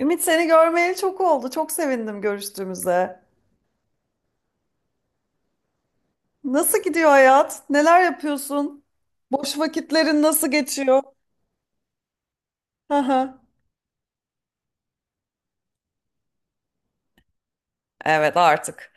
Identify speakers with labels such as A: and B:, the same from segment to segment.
A: Ümit seni görmeyeli çok oldu. Çok sevindim görüştüğümüze. Nasıl gidiyor hayat? Neler yapıyorsun? Boş vakitlerin nasıl geçiyor? Hı hı. Evet artık.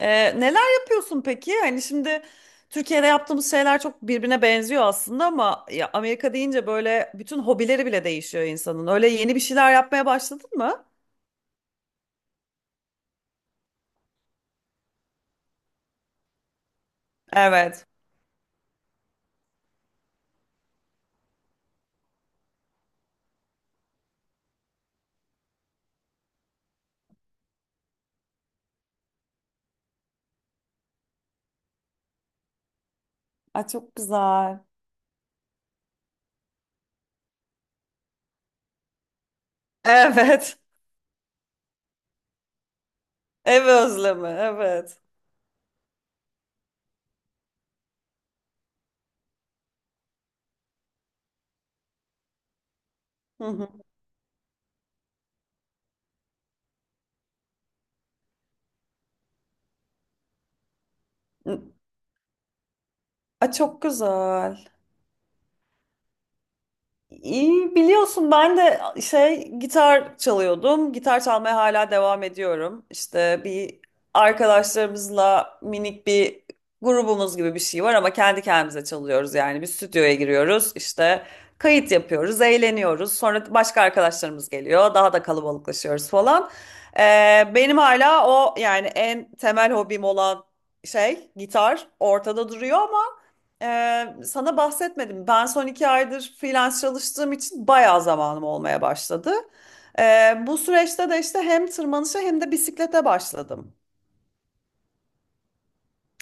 A: Neler yapıyorsun peki? Hani şimdi Türkiye'de yaptığımız şeyler çok birbirine benziyor aslında ama ya Amerika deyince böyle bütün hobileri bile değişiyor insanın. Öyle yeni bir şeyler yapmaya başladın mı? Evet. Ay çok güzel. Evet. Ev özlemi. Evet. Hı hı. Ay çok güzel. İyi, biliyorsun ben de şey gitar çalıyordum. Gitar çalmaya hala devam ediyorum. İşte bir arkadaşlarımızla minik bir grubumuz gibi bir şey var ama kendi kendimize çalıyoruz yani. Bir stüdyoya giriyoruz, işte kayıt yapıyoruz, eğleniyoruz. Sonra başka arkadaşlarımız geliyor, daha da kalabalıklaşıyoruz falan. Benim hala o yani en temel hobim olan şey gitar ortada duruyor ama. Sana bahsetmedim. Ben son iki aydır freelance çalıştığım için bayağı zamanım olmaya başladı. Bu süreçte de işte hem tırmanışa hem de bisiklete başladım.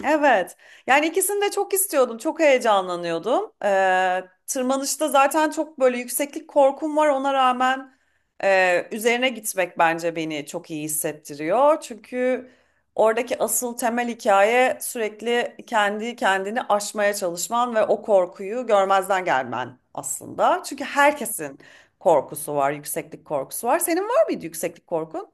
A: Evet. Yani ikisini de çok istiyordum. Çok heyecanlanıyordum. Tırmanışta zaten çok böyle yükseklik korkum var. Ona rağmen üzerine gitmek bence beni çok iyi hissettiriyor. Çünkü oradaki asıl temel hikaye sürekli kendi kendini aşmaya çalışman ve o korkuyu görmezden gelmen aslında. Çünkü herkesin korkusu var, yükseklik korkusu var. Senin var mıydı yükseklik korkun?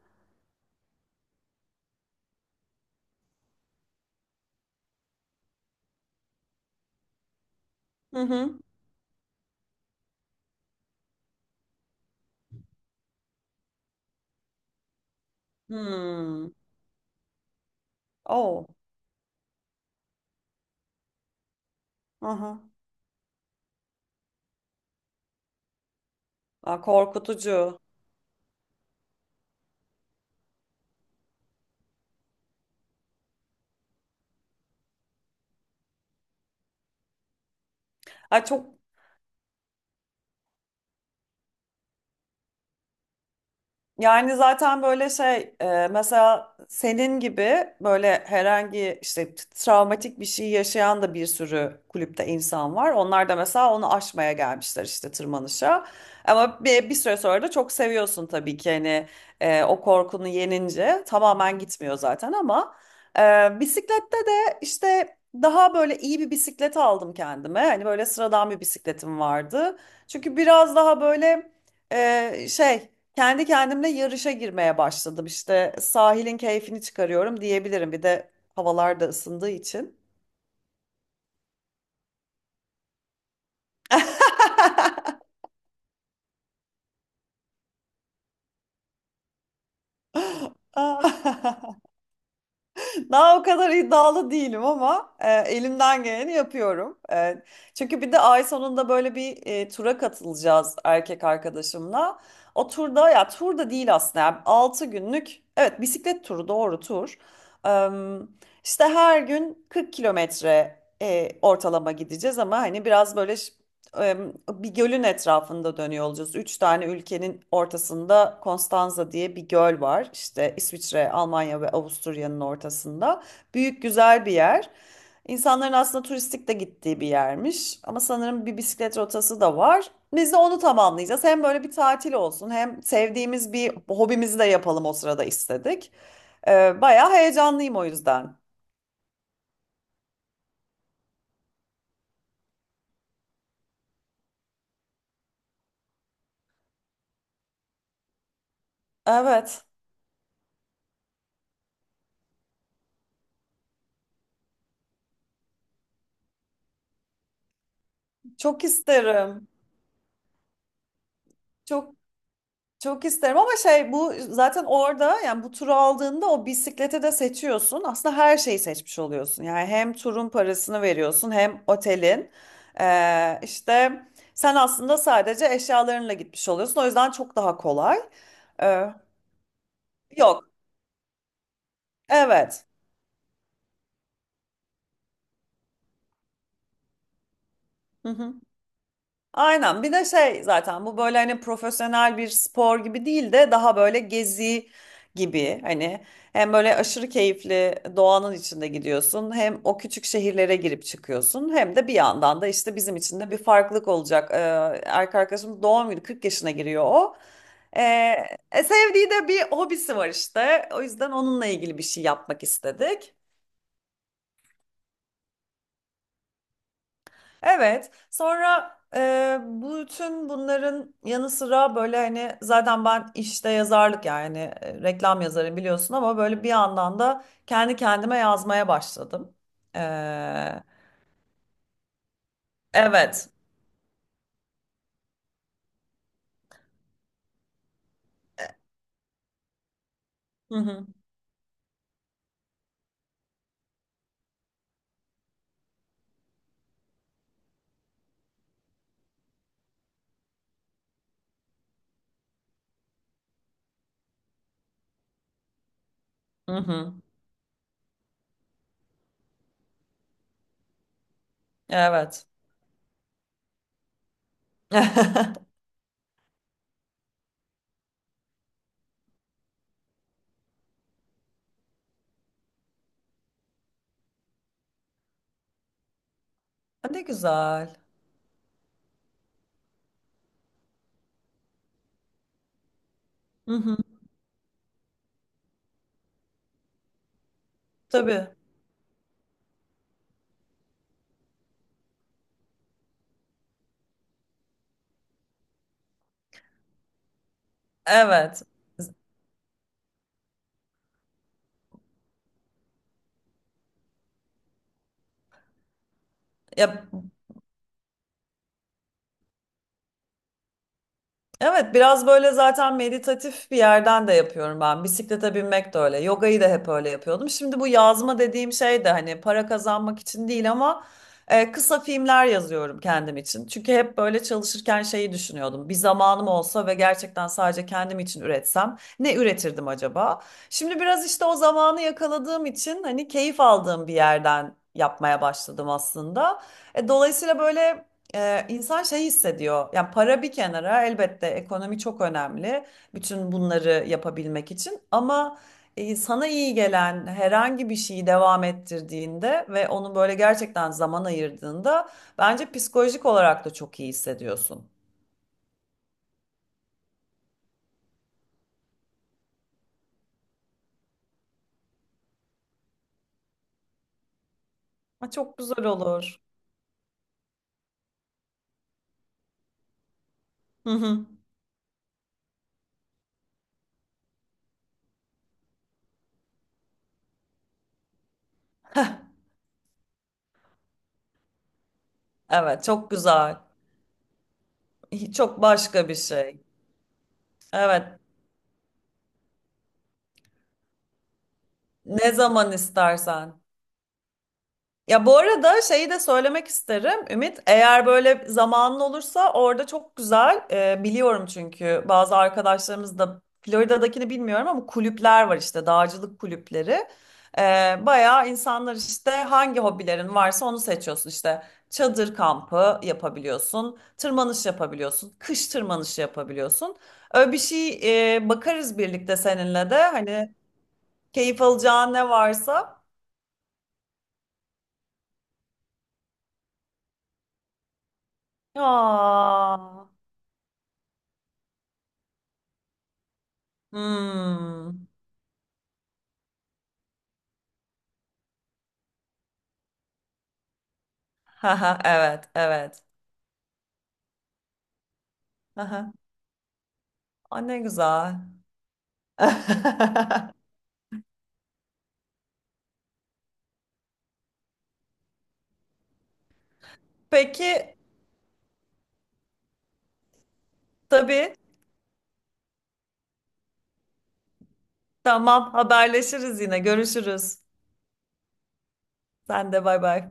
A: Hı hı. Hmm. Oh. Aha. Aa, korkutucu. Ay çok yani zaten böyle şey mesela senin gibi böyle herhangi işte travmatik bir şey yaşayan da bir sürü kulüpte insan var. Onlar da mesela onu aşmaya gelmişler işte tırmanışa. Ama bir süre sonra da çok seviyorsun tabii ki hani o korkunu yenince tamamen gitmiyor zaten ama bisiklette de işte daha böyle iyi bir bisiklet aldım kendime. Hani böyle sıradan bir bisikletim vardı. Çünkü biraz daha böyle e, şey kendi kendimle yarışa girmeye başladım. İşte sahilin keyfini çıkarıyorum diyebilirim. Bir de havalar da ısındığı için. Daha o kadar iddialı değilim ama elimden geleni yapıyorum. Çünkü bir de ay sonunda böyle bir tura katılacağız erkek arkadaşımla. O turda ya tur da değil aslında. Yani 6 günlük evet bisiklet turu doğru tur. Em, işte her gün 40 kilometre ortalama gideceğiz ama hani biraz böyle bir gölün etrafında dönüyor olacağız. Üç tane ülkenin ortasında Konstanza diye bir göl var. İşte İsviçre, Almanya ve Avusturya'nın ortasında. Büyük güzel bir yer. İnsanların aslında turistik de gittiği bir yermiş. Ama sanırım bir bisiklet rotası da var. Biz de onu tamamlayacağız. Hem böyle bir tatil olsun hem sevdiğimiz bir hobimizi de yapalım o sırada istedik. Bayağı heyecanlıyım o yüzden. Evet, çok isterim. Çok çok isterim ama şey bu zaten orada yani bu turu aldığında o bisiklete de seçiyorsun. Aslında her şeyi seçmiş oluyorsun. Yani hem turun parasını veriyorsun hem otelin. İşte sen aslında sadece eşyalarınla gitmiş oluyorsun. O yüzden çok daha kolay. Ee, yok. Evet. Hı hı. Aynen. Bir de şey zaten bu böyle hani profesyonel bir spor gibi değil de daha böyle gezi gibi hani hem böyle aşırı keyifli doğanın içinde gidiyorsun hem o küçük şehirlere girip çıkıyorsun hem de bir yandan da işte bizim için de bir farklılık olacak. Erkek arkadaşımız doğum günü 40 yaşına giriyor o. Ee, Sevdiği de bir hobisi var işte. O yüzden onunla ilgili bir şey yapmak istedik. Evet. Sonra bütün bunların yanı sıra böyle hani zaten ben işte yazarlık yani reklam yazarı biliyorsun ama böyle bir yandan da kendi kendime yazmaya başladım. E, evet. Hı hı. Hı hı. Evet. Ne güzel. Hı hı. Tabii. Evet. Ya evet, biraz böyle zaten meditatif bir yerden de yapıyorum ben. Bisiklete binmek de öyle. Yogayı da hep öyle yapıyordum. Şimdi bu yazma dediğim şey de hani para kazanmak için değil ama kısa filmler yazıyorum kendim için. Çünkü hep böyle çalışırken şeyi düşünüyordum. Bir zamanım olsa ve gerçekten sadece kendim için üretsem ne üretirdim acaba? Şimdi biraz işte o zamanı yakaladığım için hani keyif aldığım bir yerden yapmaya başladım aslında. Dolayısıyla böyle insan şey hissediyor. Yani para bir kenara elbette ekonomi çok önemli. Bütün bunları yapabilmek için ama sana iyi gelen herhangi bir şeyi devam ettirdiğinde ve onu böyle gerçekten zaman ayırdığında bence psikolojik olarak da çok iyi hissediyorsun. Ha, çok güzel olur. Hı hı. Evet, çok güzel. Çok başka bir şey. Evet, ne zaman istersen. Ya bu arada şeyi de söylemek isterim Ümit. Eğer böyle zamanın olursa orada çok güzel biliyorum çünkü bazı arkadaşlarımız da Florida'dakini bilmiyorum ama kulüpler var işte dağcılık kulüpleri. Bayağı insanlar işte hangi hobilerin varsa onu seçiyorsun işte. Çadır kampı yapabiliyorsun, tırmanış yapabiliyorsun, kış tırmanışı yapabiliyorsun. Öyle bir şey bakarız birlikte seninle de hani keyif alacağın ne varsa. Aa. Hmm. Haha, evet, evet. Haha. Aa, ne güzel. Peki, tabii. Tamam, haberleşiriz yine. Görüşürüz. Sen de bay bay.